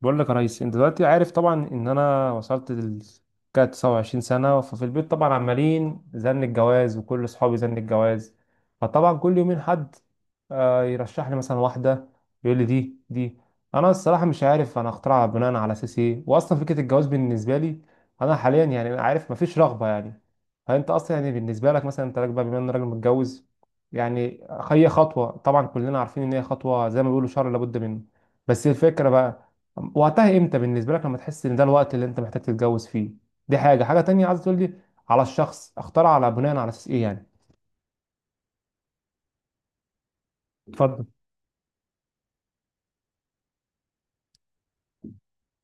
بقول لك يا ريس، انت دلوقتي عارف طبعا ان انا وصلت ل كده 29 سنه. ففي البيت طبعا عمالين زن الجواز، وكل اصحابي زن الجواز، فطبعا كل يومين حد يرشح لي مثلا واحده، يقول لي دي. انا الصراحه مش عارف انا اخترعها بناء على اساس ايه، واصلا فكره الجواز بالنسبه لي انا حاليا، يعني عارف مفيش رغبه، يعني فانت اصلا يعني بالنسبه لك، مثلا انت راجل بقى، بما ان راجل متجوز يعني، هي خطوه طبعا كلنا عارفين ان هي خطوه زي ما بيقولوا شر لابد منه. بس الفكره بقى وقتها امتى بالنسبه لك لما تحس ان ده الوقت اللي انت محتاج تتجوز فيه؟ دي حاجه تانية عايز تقول لي، على الشخص اختار على بناء على اساس ايه يعني؟ اتفضل.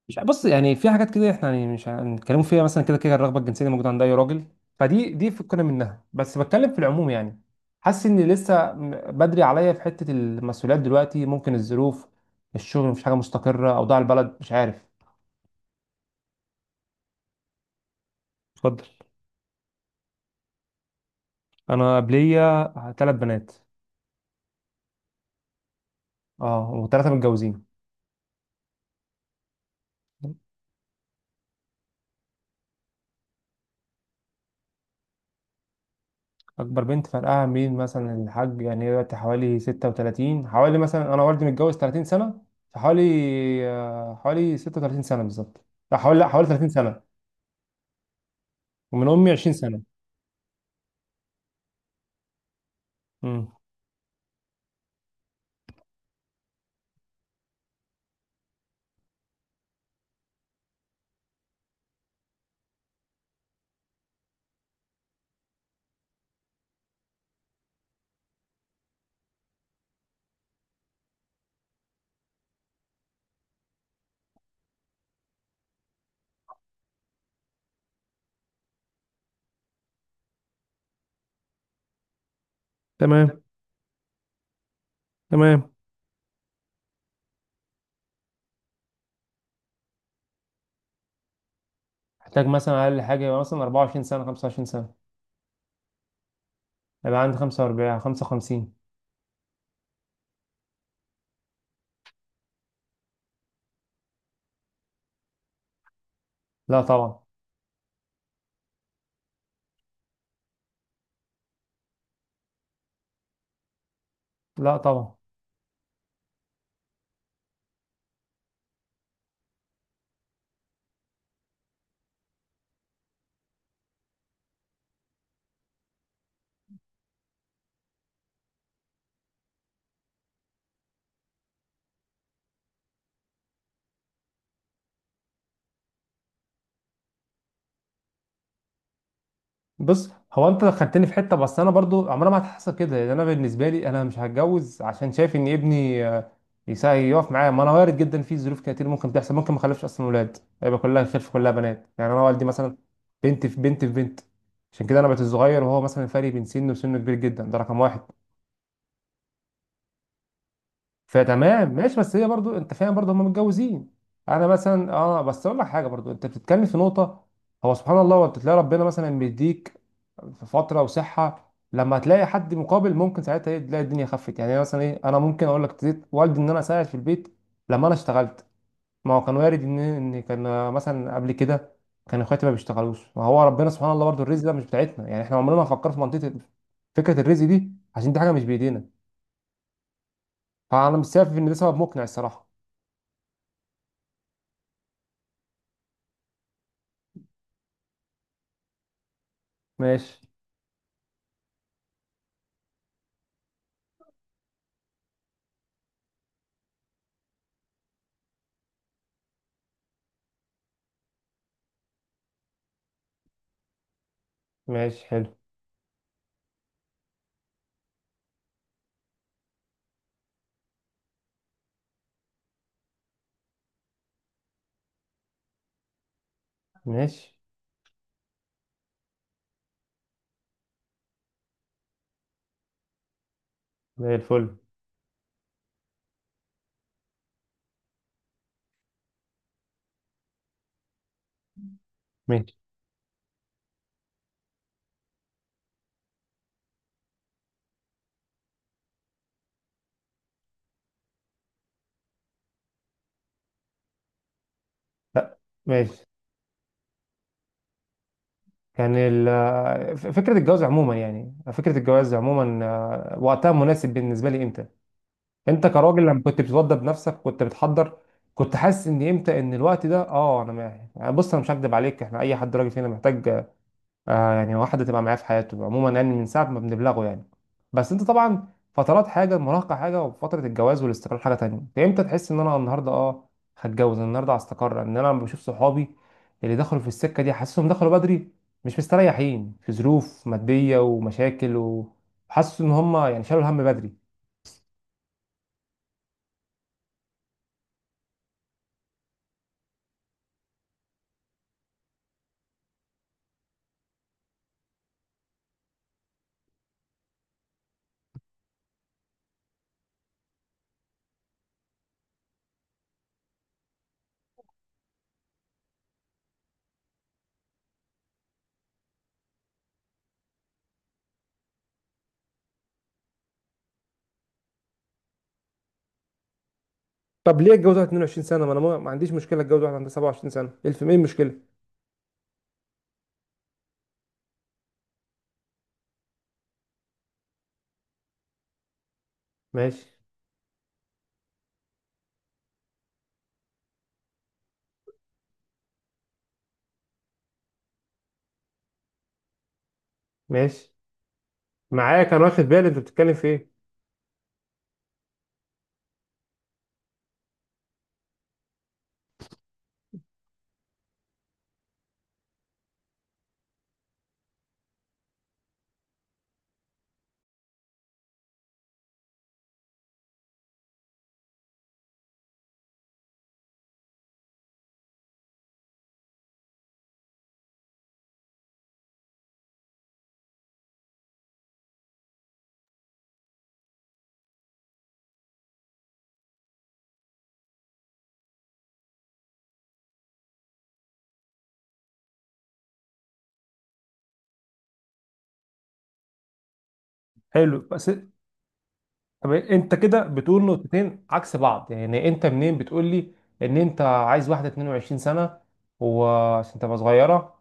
مش ع- بص، يعني في حاجات كده احنا يعني مش هنتكلموا فيها، مثلا كده كده الرغبه الجنسيه اللي موجوده عند اي راجل، فدي فكنا منها، بس بتكلم في العموم يعني. حاسس ان لسه بدري عليا في حته المسؤوليات دلوقتي، ممكن الظروف، الشغل مفيش حاجه مستقره، اوضاع البلد مش عارف. اتفضل. انا قبليه ثلاث بنات. اه، وثلاثه متجوزين. اكبر بنت فرقها مين مثلا الحاج، يعني هي دلوقتي حوالي 36، حوالي مثلا انا والدي متجوز 30 سنه، فحوالي آه، حوالي 36 سنه بالظبط. لا حوالي 30 سنه. ومن امي 20 سنه. امم. تمام. تمام. احتاج مثلا اقل حاجه يبقى مثلا 24 سنه 25 سنه. يبقى عندي 45 55. لا طبعا. لا طبعا. بص، هو انت دخلتني في حته، بس انا برضو عمرها ما هتحصل كده، لان انا بالنسبه لي انا مش هتجوز عشان شايف ان ابني يقف معايا، ما انا وارد جدا في ظروف كتير ممكن تحصل، ممكن ما اخلفش اصلا ولاد، يبقى كلها خلف كلها بنات يعني، انا والدي مثلا بنت في بنت في بنت. عشان كده انا بقيت الصغير، وهو مثلا فرق بين سنه وسنه كبير جدا، ده رقم واحد. فتمام ماشي، بس هي برضو انت فاهم برضو هم متجوزين. انا مثلا اه بس اقول لك حاجه، برضو انت بتتكلم في نقطه، هو سبحان الله، وانت تلاقي ربنا مثلا بيديك في فتره وصحه، لما تلاقي حد مقابل ممكن ساعتها ايه تلاقي الدنيا خفت يعني. أنا مثلا ايه، انا ممكن اقول لك ابتديت والدي ان انا اساعد في البيت لما انا اشتغلت، ما هو كان وارد ان كان مثلا قبل كده كان اخواتي ما بيشتغلوش، ما هو ربنا سبحان الله برضو الرزق ده مش بتاعتنا يعني، احنا عمرنا ما فكرنا في منطقه فكره الرزق دي، عشان دي حاجه مش بايدينا. فانا مش شايف ان ده سبب مقنع الصراحه. ماشي. ماشي حلو. ماشي. زي الفل. ماشي. ماشي. كان فكرة الجواز عموما، يعني فكرة الجواز عموما، وقتها مناسب بالنسبة لي امتى؟ انت كراجل لما كنت بتتوضى بنفسك كنت بتحضر، كنت حاسس ان امتى ان الوقت ده؟ اه، انا ما يعني بص، انا مش هكدب عليك، احنا اي حد راجل فينا محتاج يعني واحدة تبقى معاه في حياته عموما، يعني من ساعة ما بنبلغه يعني، بس انت طبعا فترات حاجة المراهقة حاجة وفترة الجواز والاستقرار حاجة تانية، انت امتى تحس ان انا النهاردة هتجوز النهاردة هستقر، ان انا لما بشوف صحابي اللي دخلوا في السكة دي حاسسهم دخلوا بدري، مش مستريحين في ظروف مادية ومشاكل، وحاسس ان هم يعني شالوا الهم بدري. طب ليه اتجوز واحد 22 سنه؟ ما انا ما عنديش مشكله اتجوز واحد عندها 27 سنه الف، ايه المشكله؟ ماشي. ماشي، معاك، انا واخد بالي انت بتتكلم في ايه. حلو، بس طب انت كده بتقول نقطتين عكس بعض، يعني انت منين بتقول لي ان انت عايز واحده 22 سنه وعشان تبقى صغيره؟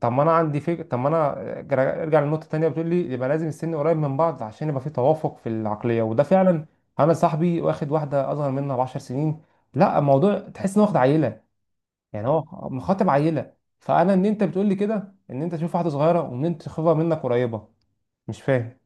طب ما انا عندي فكره، طب ما انا ارجع للنقطه التانيه، بتقول لي يبقى لازم السن قريب من بعض عشان يبقى في توافق في العقليه، وده فعلا انا صاحبي واخد واحده اصغر منها ب 10 سنين، لا الموضوع تحس انه واخد عيله، يعني هو مخاطب عيله. فانا ان انت بتقول لي كده ان انت تشوف واحده صغيره، وان انت تخافها منك قريبه، مش فاهم.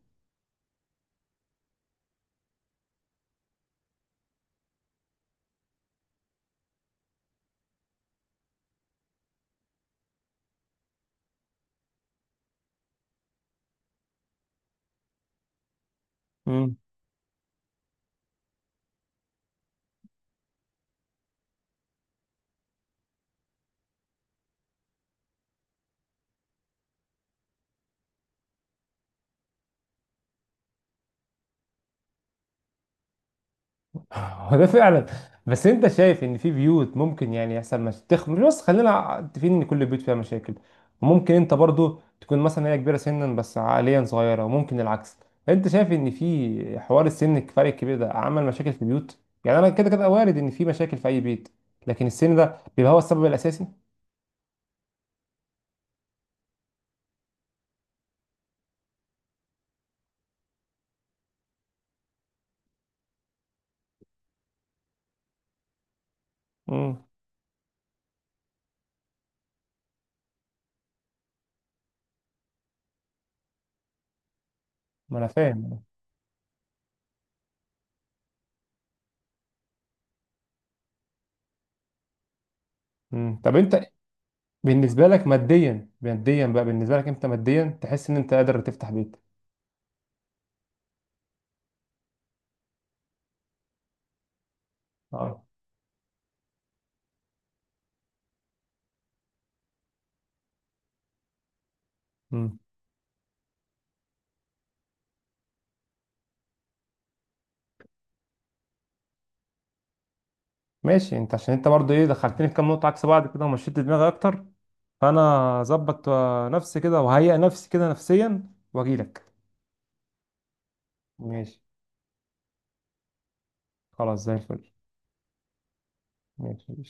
هو ده فعلا. بس انت شايف ان في بيوت ممكن يعني يحصل مش بس خلينا متفقين ان كل بيوت فيها مشاكل، وممكن انت برضو تكون مثلا هي كبيره سنا بس عقليا صغيره، وممكن العكس، انت شايف ان في حوار السن الفرق الكبير ده عمل مشاكل في البيوت، يعني انا كده كده وارد ان في مشاكل في اي بيت، لكن السن ده بيبقى هو السبب الاساسي؟ امم. ما انا فاهم. امم، طب انت بالنسبه لك ماديا بقى بالنسبه لك انت ماديا تحس ان انت قادر تفتح بيت؟ اه. ماشي انت، عشان انت برضو ايه دخلتني في كام نقطة عكس بعض كده ومشيت دماغي اكتر، فانا اظبط نفسي كده وهيئ نفسي كده نفسيا واجيلك. ماشي. خلاص زي الفل. ماشي.